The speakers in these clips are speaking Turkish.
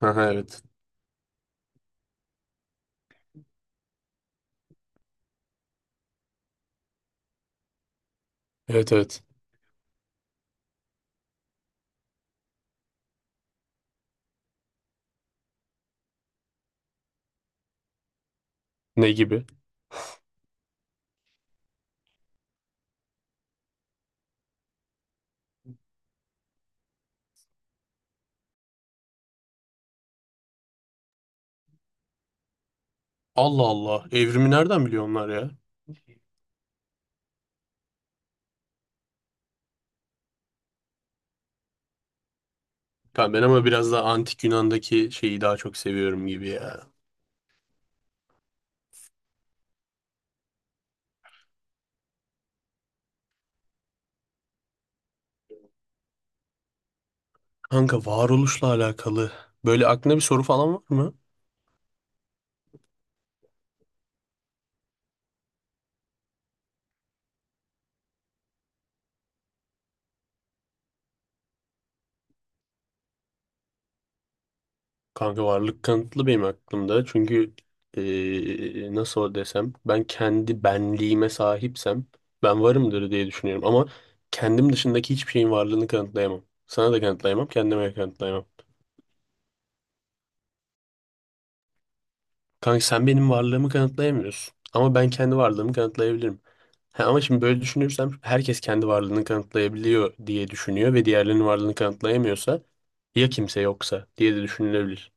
Aha, evet. Evet, evet. Ne gibi? Allah Allah. Evrimi nereden biliyor onlar ya? Kanka ben ama biraz daha antik Yunan'daki şeyi daha çok seviyorum gibi ya. Kanka varoluşla alakalı. Böyle aklında bir soru falan var mı? Kanka varlık kanıtlı benim aklımda. Çünkü nasıl desem ben kendi benliğime sahipsem ben varımdır diye düşünüyorum. Ama kendim dışındaki hiçbir şeyin varlığını kanıtlayamam. Sana da kanıtlayamam, kendime de kanıtlayamam. Kanka sen benim varlığımı kanıtlayamıyorsun. Ama ben kendi varlığımı kanıtlayabilirim. Ha, ama şimdi böyle düşünürsem herkes kendi varlığını kanıtlayabiliyor diye düşünüyor ve diğerlerinin varlığını kanıtlayamıyorsa ya kimse yoksa diye de düşünülebilir.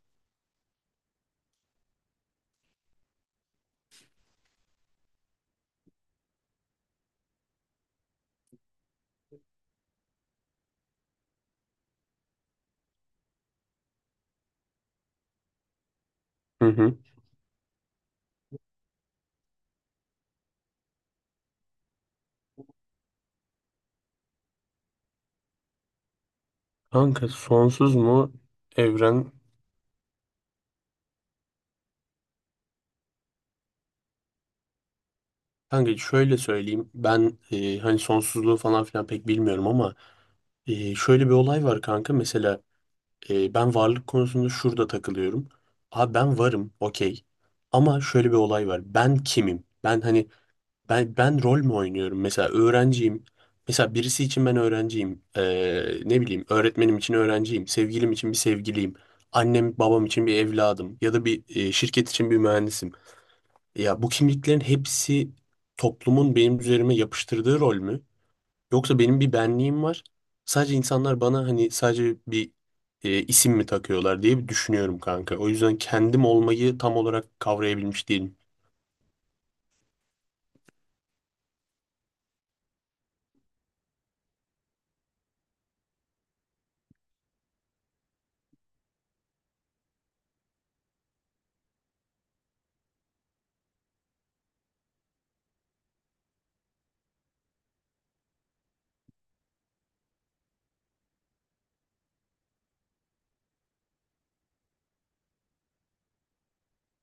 Hı hı. Kanka sonsuz mu evren? Kanka şöyle söyleyeyim. Ben hani sonsuzluğu falan filan pek bilmiyorum ama şöyle bir olay var kanka. Mesela ben varlık konusunda şurada takılıyorum. Abi ben varım, okey. Ama şöyle bir olay var. Ben kimim? Ben hani ben rol mü oynuyorum? Mesela öğrenciyim. Mesela birisi için ben öğrenciyim. Ne bileyim, öğretmenim için öğrenciyim. Sevgilim için bir sevgiliyim. Annem babam için bir evladım. Ya da bir şirket için bir mühendisim. Ya bu kimliklerin hepsi toplumun benim üzerime yapıştırdığı rol mü? Yoksa benim bir benliğim var. Sadece insanlar bana hani sadece bir isim mi takıyorlar diye bir düşünüyorum kanka. O yüzden kendim olmayı tam olarak kavrayabilmiş değilim.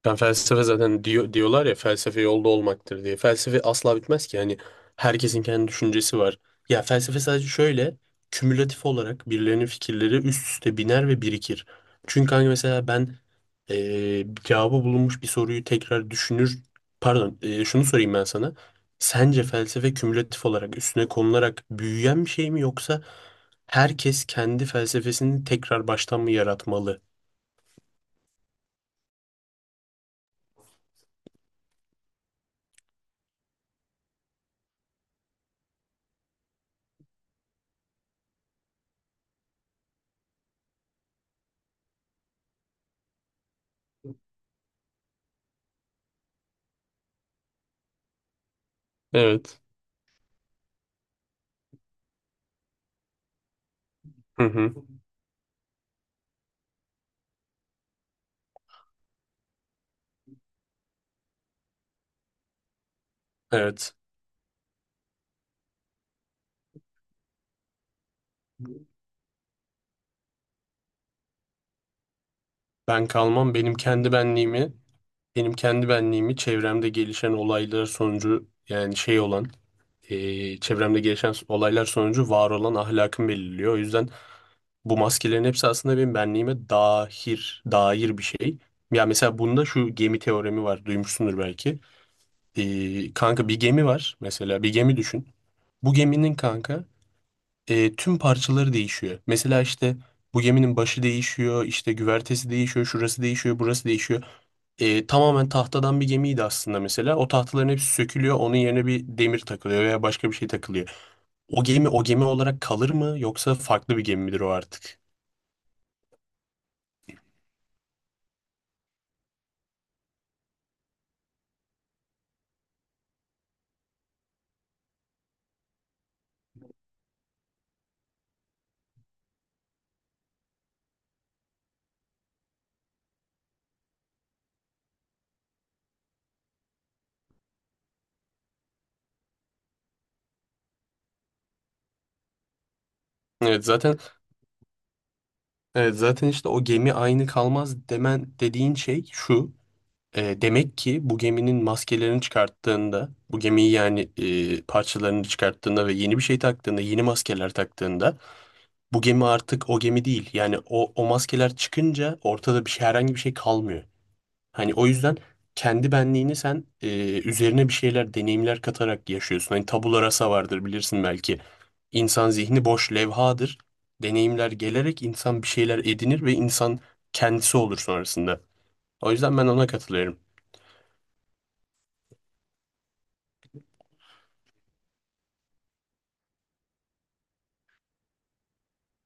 Ben felsefe zaten diyorlar ya, felsefe yolda olmaktır diye. Felsefe asla bitmez ki. Yani herkesin kendi düşüncesi var. Ya felsefe sadece şöyle kümülatif olarak birilerinin fikirleri üst üste biner ve birikir. Çünkü hani mesela ben cevabı bulunmuş bir soruyu tekrar düşünür. Pardon, şunu sorayım ben sana. Sence felsefe kümülatif olarak üstüne konularak büyüyen bir şey mi, yoksa herkes kendi felsefesini tekrar baştan mı yaratmalı? Evet. Hı hı. Evet. Ben kalmam benim kendi benliğimi, benim kendi benliğimi çevremde gelişen olaylar sonucu yani şey olan, çevremde gelişen olaylar sonucu var olan ahlakım belirliyor. O yüzden bu maskelerin hepsi aslında benim benliğime dair bir şey. Ya mesela bunda şu gemi teoremi var, duymuşsundur belki. Kanka bir gemi var mesela, bir gemi düşün. Bu geminin kanka tüm parçaları değişiyor. Mesela işte bu geminin başı değişiyor, işte güvertesi değişiyor, şurası değişiyor, burası değişiyor. E, tamamen tahtadan bir gemiydi aslında mesela. O tahtaların hepsi sökülüyor, onun yerine bir demir takılıyor veya başka bir şey takılıyor. O gemi o gemi olarak kalır mı, yoksa farklı bir gemi midir o artık? Evet zaten Evet, zaten işte o gemi aynı kalmaz demen, dediğin şey şu. E, demek ki bu geminin maskelerini çıkarttığında, bu gemiyi yani parçalarını çıkarttığında ve yeni bir şey taktığında, yeni maskeler taktığında bu gemi artık o gemi değil. Yani o maskeler çıkınca ortada bir şey, herhangi bir şey kalmıyor. Hani o yüzden kendi benliğini sen üzerine bir şeyler, deneyimler katarak yaşıyorsun. Hani tabula rasa vardır, bilirsin belki. İnsan zihni boş levhadır. Deneyimler gelerek insan bir şeyler edinir ve insan kendisi olur sonrasında. O yüzden ben ona katılıyorum.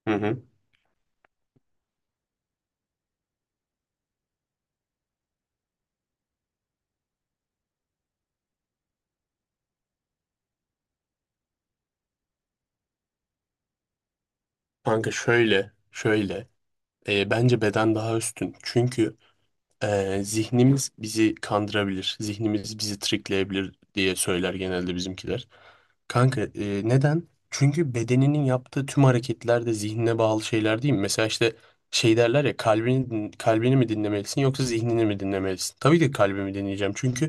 Hı hı. Şöyle. E, bence beden daha üstün. Çünkü zihnimiz bizi kandırabilir, zihnimiz bizi trikleyebilir diye söyler genelde bizimkiler. Kanka neden? Çünkü bedeninin yaptığı tüm hareketler de zihnine bağlı şeyler değil mi? Mesela işte şey derler ya, kalbini mi dinlemelisin, yoksa zihnini mi dinlemelisin? Tabii ki kalbimi dinleyeceğim, çünkü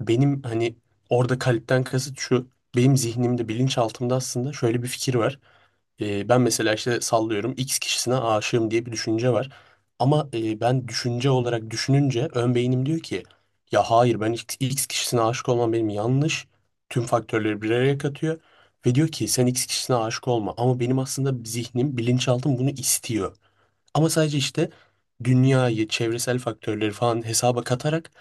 benim hani orada kalpten kasıt şu, benim zihnimde bilinçaltımda aslında şöyle bir fikir var. Ben mesela işte sallıyorum, X kişisine aşığım diye bir düşünce var. Ama ben düşünce olarak düşününce ön beynim diyor ki ya hayır, ben X kişisine aşık olmam, benim yanlış. Tüm faktörleri bir araya katıyor ve diyor ki sen X kişisine aşık olma. Ama benim aslında zihnim, bilinçaltım bunu istiyor. Ama sadece işte dünyayı, çevresel faktörleri falan hesaba katarak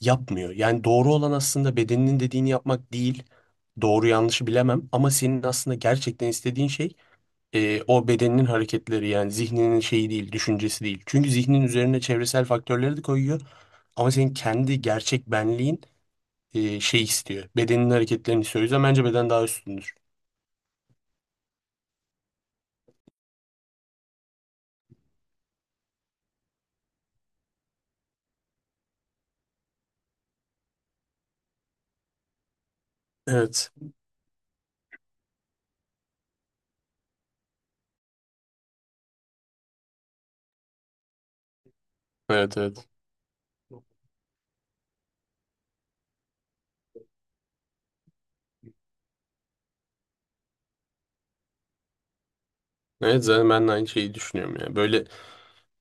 yapmıyor. Yani doğru olan aslında bedeninin dediğini yapmak değil. Doğru yanlışı bilemem, ama senin aslında gerçekten istediğin şey o bedeninin hareketleri, yani zihninin şeyi değil, düşüncesi değil. Çünkü zihnin üzerine çevresel faktörleri de koyuyor. Ama senin kendi gerçek benliğin şey istiyor. Bedenin hareketlerini istiyor. O yüzden bence beden daha üstündür. Evet. Evet, evet. Evet, zaten ben de aynı şeyi düşünüyorum ya. Böyle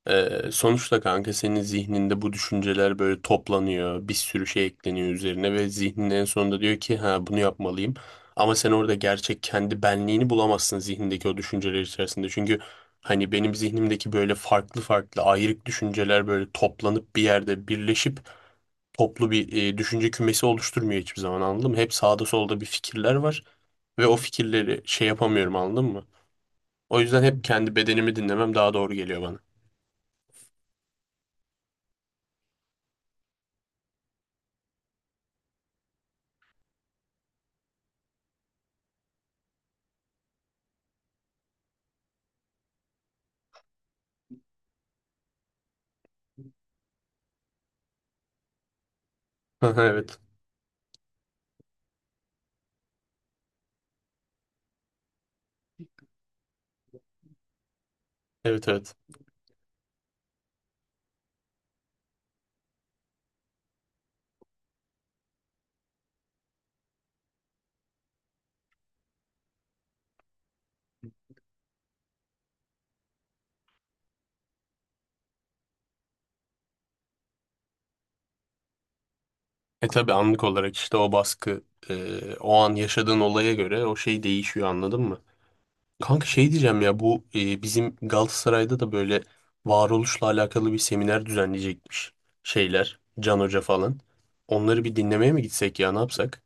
Sonuçta kanka senin zihninde bu düşünceler böyle toplanıyor. Bir sürü şey ekleniyor üzerine ve zihnin en sonunda diyor ki ha, bunu yapmalıyım. Ama sen orada gerçek kendi benliğini bulamazsın zihnindeki o düşünceler içerisinde. Çünkü hani benim zihnimdeki böyle farklı farklı ayrık düşünceler böyle toplanıp bir yerde birleşip toplu bir düşünce kümesi oluşturmuyor hiçbir zaman, anladın mı? Hep sağda solda bir fikirler var ve o fikirleri şey yapamıyorum, anladın mı? O yüzden hep kendi bedenimi dinlemem daha doğru geliyor bana. Evet. Evet, evet. E, tabii anlık olarak işte o baskı, o an yaşadığın olaya göre o şey değişiyor, anladın mı? Kanka şey diyeceğim ya, bu bizim Galatasaray'da da böyle varoluşla alakalı bir seminer düzenleyecekmiş şeyler, Can Hoca falan. Onları bir dinlemeye mi gitsek ya, ne yapsak?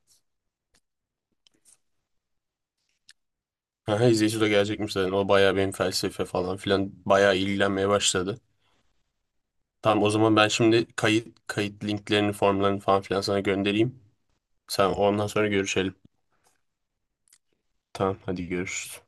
Aha, İzeysu de gelecekmiş zaten, o bayağı benim felsefe falan filan bayağı ilgilenmeye başladı. Tamam, o zaman ben şimdi kayıt linklerini, formlarını falan filan sana göndereyim. Sen ondan sonra görüşelim. Tamam, hadi görüşürüz.